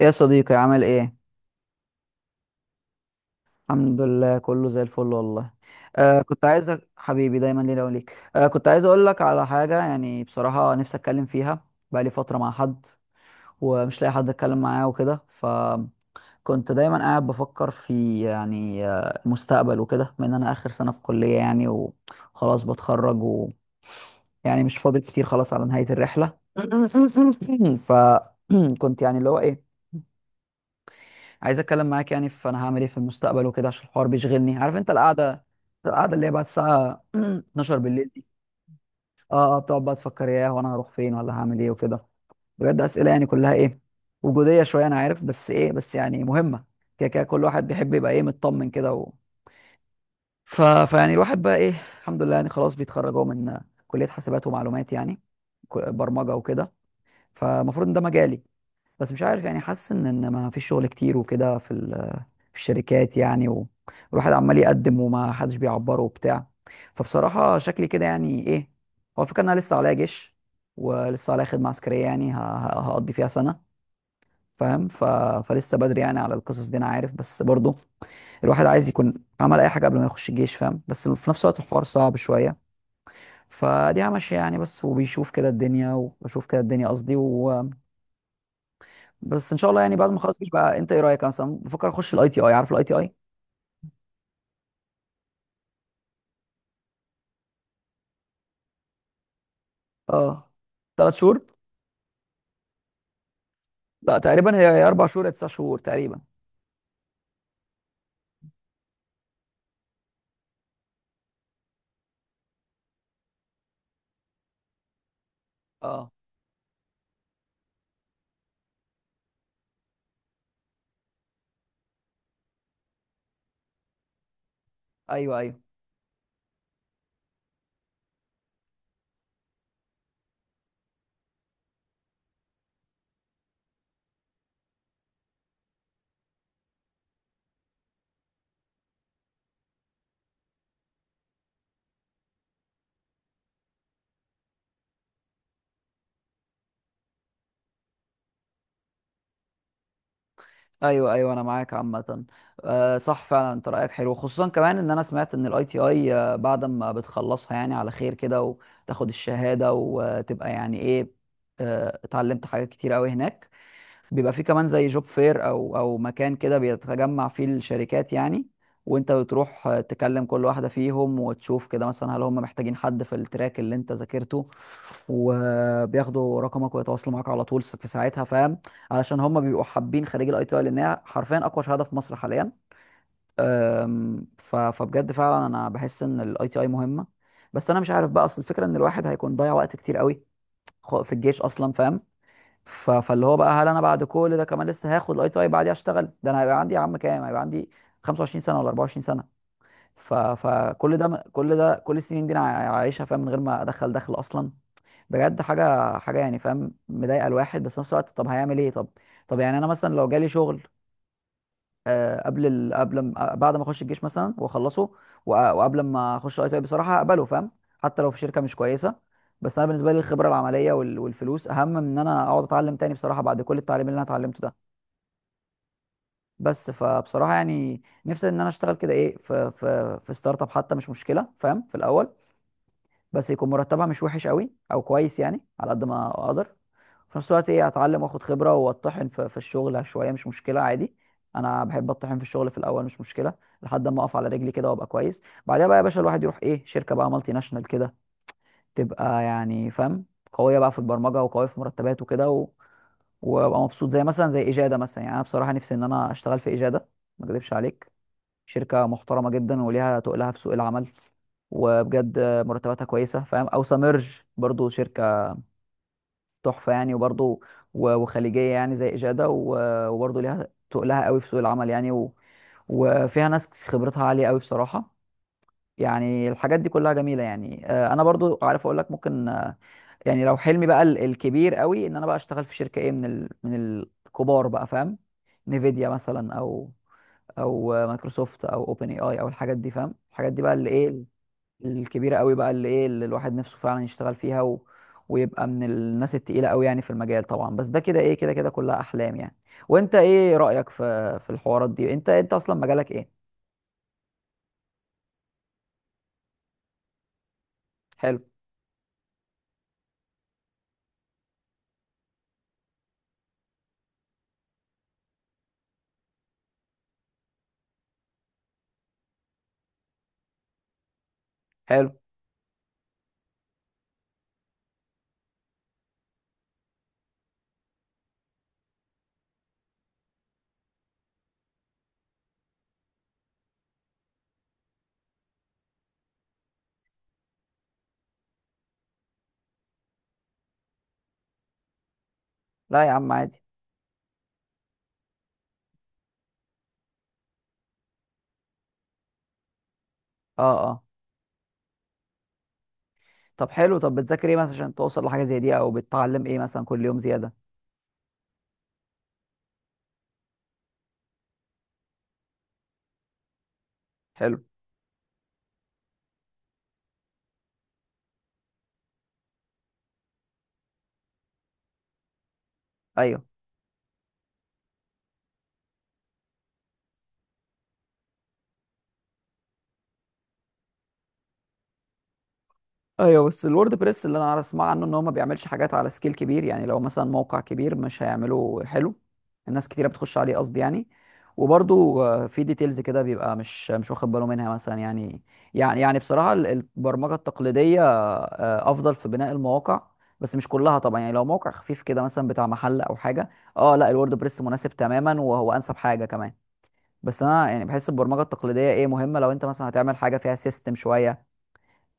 ايه يا صديقي عامل ايه؟ الحمد لله، كله زي الفل والله. آه، كنت عايزك حبيبي، دايما لينا وليك. آه، كنت عايز اقول لك على حاجه يعني، بصراحه نفسي اتكلم فيها. بقالي فتره مع حد ومش لاقي حد اتكلم معاه وكده. فكنت دايما قاعد بفكر في يعني المستقبل وكده، بما ان انا اخر سنه في كليه يعني وخلاص بتخرج و... يعني مش فاضل كتير، خلاص على نهايه الرحله. فكنت يعني اللي هو ايه، عايز اتكلم معاك يعني في انا هعمل ايه في المستقبل وكده، عشان الحوار بيشغلني. عارف انت القعده اللي هي بعد الساعه 12 بالليل دي، اه اه، بتقعد بقى تفكر، ياه وانا هروح فين ولا هعمل ايه وكده. بجد اسئله يعني كلها ايه، وجوديه شويه، انا عارف، بس ايه بس يعني مهمه. كده كده كل واحد بيحب يبقى ايه، مطمن كده و... فيعني الواحد بقى ايه، الحمد لله يعني، خلاص بيتخرج اهو من كليه حاسبات ومعلومات يعني، برمجه وكده. فالمفروض ان ده مجالي، بس مش عارف يعني، حاسس ان ما فيش شغل كتير وكده، في الشركات يعني والواحد عمال يقدم وما حدش بيعبره وبتاع. فبصراحة شكلي كده يعني ايه، هو الفكرة ان انا لسه عليا جيش، ولسه عليا خدمة عسكرية يعني هقضي فيها سنة، فاهم. فلسه بدري يعني على القصص دي انا عارف، بس برضو الواحد عايز يكون عمل اي حاجة قبل ما يخش الجيش، فاهم، بس في نفس الوقت الحوار صعب شوية. فدي ماشية يعني بس، وبيشوف كده الدنيا وبشوف كده الدنيا قصدي و... بس ان شاء الله يعني بعد ما اخلص الجيش بقى، انت ايه رأيك؟ أنا مثلا بفكر اخش الاي تي اي، عارف الاي تي اي. اه، ثلاث شهور. لا، تقريبا هي اربع شهور يا تسع شهور تقريبا. اه، ايوه ايوه ايوه ايوه، انا معاك عامه. آه صح فعلا، انت رايك حلو، خصوصا كمان ان انا سمعت ان الاي تي اي بعد ما بتخلصها يعني على خير كده، وتاخد الشهاده، وتبقى يعني ايه، اتعلمت حاجات كتير قوي هناك. بيبقى فيه كمان زي جوب فير او مكان كده بيتجمع فيه الشركات يعني، وانت بتروح تكلم كل واحده فيهم، وتشوف كده مثلا هل هم محتاجين حد في التراك اللي انت ذاكرته، وبياخدوا رقمك ويتواصلوا معاك على طول في ساعتها، فاهم، علشان هم بيبقوا حابين خريج الاي تي اي، لانها حرفيا اقوى شهاده في مصر حاليا. فبجد فعلا انا بحس ان الاي تي اي مهمه. بس انا مش عارف بقى، اصل الفكره ان الواحد هيكون ضيع وقت كتير قوي في الجيش اصلا، فاهم. فاللي هو بقى، هل انا بعد كل ده كمان لسه هاخد الاي تي اي بعديها اشتغل؟ ده انا هيبقى عندي يا عم كام، هيبقى عندي 25 سنه ولا 24 سنه. فكل ده، كل السنين دي انا عايشها، فاهم، من غير ما دخل اصلا بجد حاجه حاجه يعني، فاهم، مضايقه الواحد، بس في نفس الوقت طب هيعمل ايه؟ طب يعني انا مثلا لو جالي شغل، آه، قبل ال... قبل ما... آه، بعد ما اخش الجيش مثلا واخلصه، وقبل ما اخش اي تي اي، بصراحه اقبله، فاهم، حتى لو في شركه مش كويسه. بس انا بالنسبه لي الخبره العمليه والفلوس اهم من ان انا اقعد اتعلم تاني بصراحه، بعد كل التعليم اللي انا اتعلمته ده. بس فبصراحه يعني، نفسي ان انا اشتغل كده ايه، في في ستارت اب حتى مش مشكله، فاهم، في الاول. بس يكون مرتبها مش وحش قوي او كويس يعني، على قد ما اقدر، في نفس الوقت ايه، اتعلم واخد خبره واتطحن في، في الشغل شويه، مش مشكله عادي. انا بحب اتطحن في الشغل في الاول، مش مشكله، لحد ما اقف على رجلي كده وابقى كويس. بعدها بقى يا باشا الواحد يروح ايه، شركه بقى مالتي ناشونال كده، تبقى يعني فاهم، قويه بقى في البرمجه وقويه في مرتبات وكده و... وابقى مبسوط، زي مثلا زي اجاده مثلا، يعني انا بصراحه نفسي ان انا اشتغل في اجاده، ما اكذبش عليك. شركه محترمه جدا وليها تقلها في سوق العمل، وبجد مرتباتها كويسه، فاهم. او سامرج، برضو شركه تحفه يعني، وبرضو وخليجيه يعني زي اجاده، وبرضو ليها تقلها قوي في سوق العمل يعني و... وفيها ناس خبرتها عاليه قوي بصراحه. يعني الحاجات دي كلها جميله يعني. انا برضو عارف اقول لك، ممكن يعني لو حلمي بقى الكبير قوي، ان انا بقى اشتغل في شركه ايه، من من الكبار بقى، فاهم، نيفيديا مثلا، او مايكروسوفت، او اوبن اي اي، او الحاجات دي، فاهم، الحاجات دي بقى اللي ايه، الكبيره قوي، بقى اللي ايه، اللي الواحد نفسه فعلا يشتغل فيها و... ويبقى من الناس التقيله قوي يعني في المجال طبعا. بس ده كده ايه، كده كده كلها احلام يعني. وانت ايه رايك في الحوارات دي؟ انت اصلا مجالك ايه؟ حلو. حلو. لا يا عم عادي. اه اه. طب حلو، طب بتذاكر ايه مثلا عشان توصل لحاجه زي دي؟ او بتتعلم ايه مثلا كل يوم زياده؟ حلو. ايوه ايوه، بس الورد بريس اللي انا عارف اسمع عنه ان هو ما بيعملش حاجات على سكيل كبير يعني، لو مثلا موقع كبير مش هيعمله حلو، الناس كتيره بتخش عليه قصدي يعني. وبرضو في ديتيلز كده بيبقى مش واخد باله منها مثلا يعني. يعني بصراحه البرمجه التقليديه افضل في بناء المواقع، بس مش كلها طبعا يعني. لو موقع خفيف كده مثلا بتاع محل او حاجه، اه لا، الورد بريس مناسب تماما، وهو انسب حاجه كمان. بس انا يعني بحس البرمجه التقليديه ايه، مهمه لو انت مثلا هتعمل حاجه فيها سيستم شويه،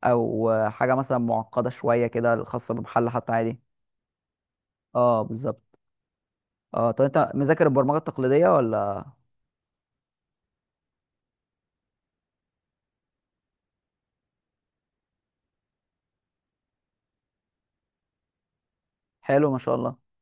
او حاجه مثلا معقده شويه كده، خاصه بمحل حتى، عادي. اه بالظبط. اه، طب انت مذاكر البرمجه التقليديه ولا؟ حلو، ما شاء الله.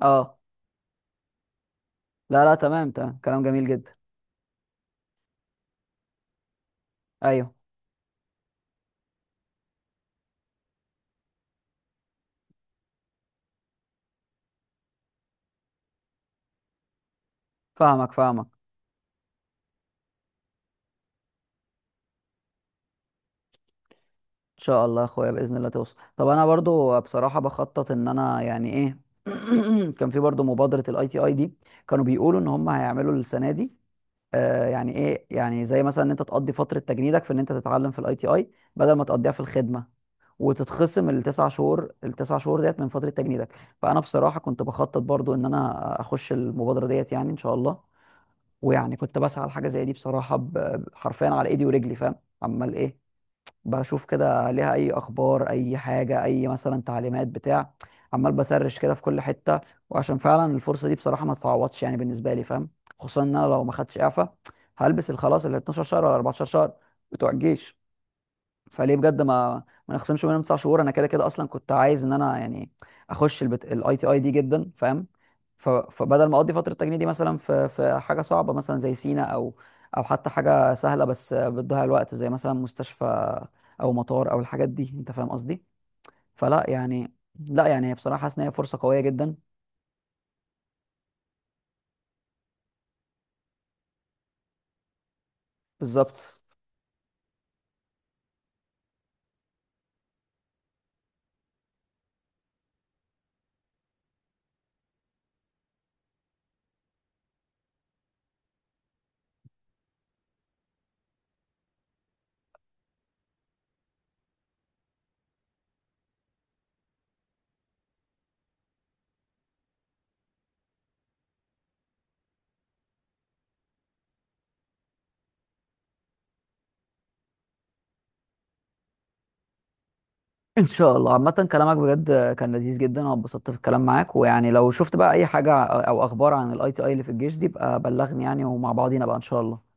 اه، لا لا، تمام تمام، كلام جميل جدا. ايوه، فاهمك فاهمك. ان شاء الله يا اخويا، باذن الله توصل. طب انا برضو بصراحه بخطط ان انا يعني ايه، كان في برضو مبادره الاي تي اي دي، كانوا بيقولوا ان هم هيعملوا السنه دي يعني ايه، يعني زي مثلا ان انت تقضي فتره تجنيدك في ان انت تتعلم في الاي تي اي، بدل ما تقضيها في الخدمه، وتتخصم التسع شهور، ديت من فتره تجنيدك. فانا بصراحه كنت بخطط برضو ان انا اخش المبادره ديت يعني ان شاء الله، ويعني كنت بسعى لحاجه زي دي بصراحه، حرفيا على ايدي ورجلي، فاهم، عمال ايه، بشوف كده عليها اي اخبار، اي حاجه، اي مثلا تعليمات بتاع، عمال بسرش كده في كل حته. وعشان فعلا الفرصه دي بصراحه ما تتعوضش يعني بالنسبه لي، فاهم، خصوصا ان انا لو ما خدتش اعفاء هلبس الخلاص ال 12 شهر ولا 14 شهر بتوع الجيش، فليه بجد ما نخصمش منهم تسع شهور؟ انا كده كده اصلا كنت عايز ان انا يعني اخش الاي تي اي دي جدا، فاهم. فبدل ما اقضي فتره التجنيد دي مثلا في حاجه صعبه مثلا زي سينا، او او حتى حاجه سهله بس بتضيع الوقت زي مثلا مستشفى او مطار او الحاجات دي، انت فاهم قصدي. فلا يعني، لا يعني هي بصراحه حاسس ان هي فرصه قويه جدا. بالظبط. ان شاء الله، عامه كلامك بجد كان لذيذ جدا، انا اتبسطت في الكلام معاك، ويعني لو شفت بقى اي حاجه او اخبار عن الاي تي اي اللي في الجيش دي بقى بلغني يعني، ومع بعضينا بقى ان شاء الله.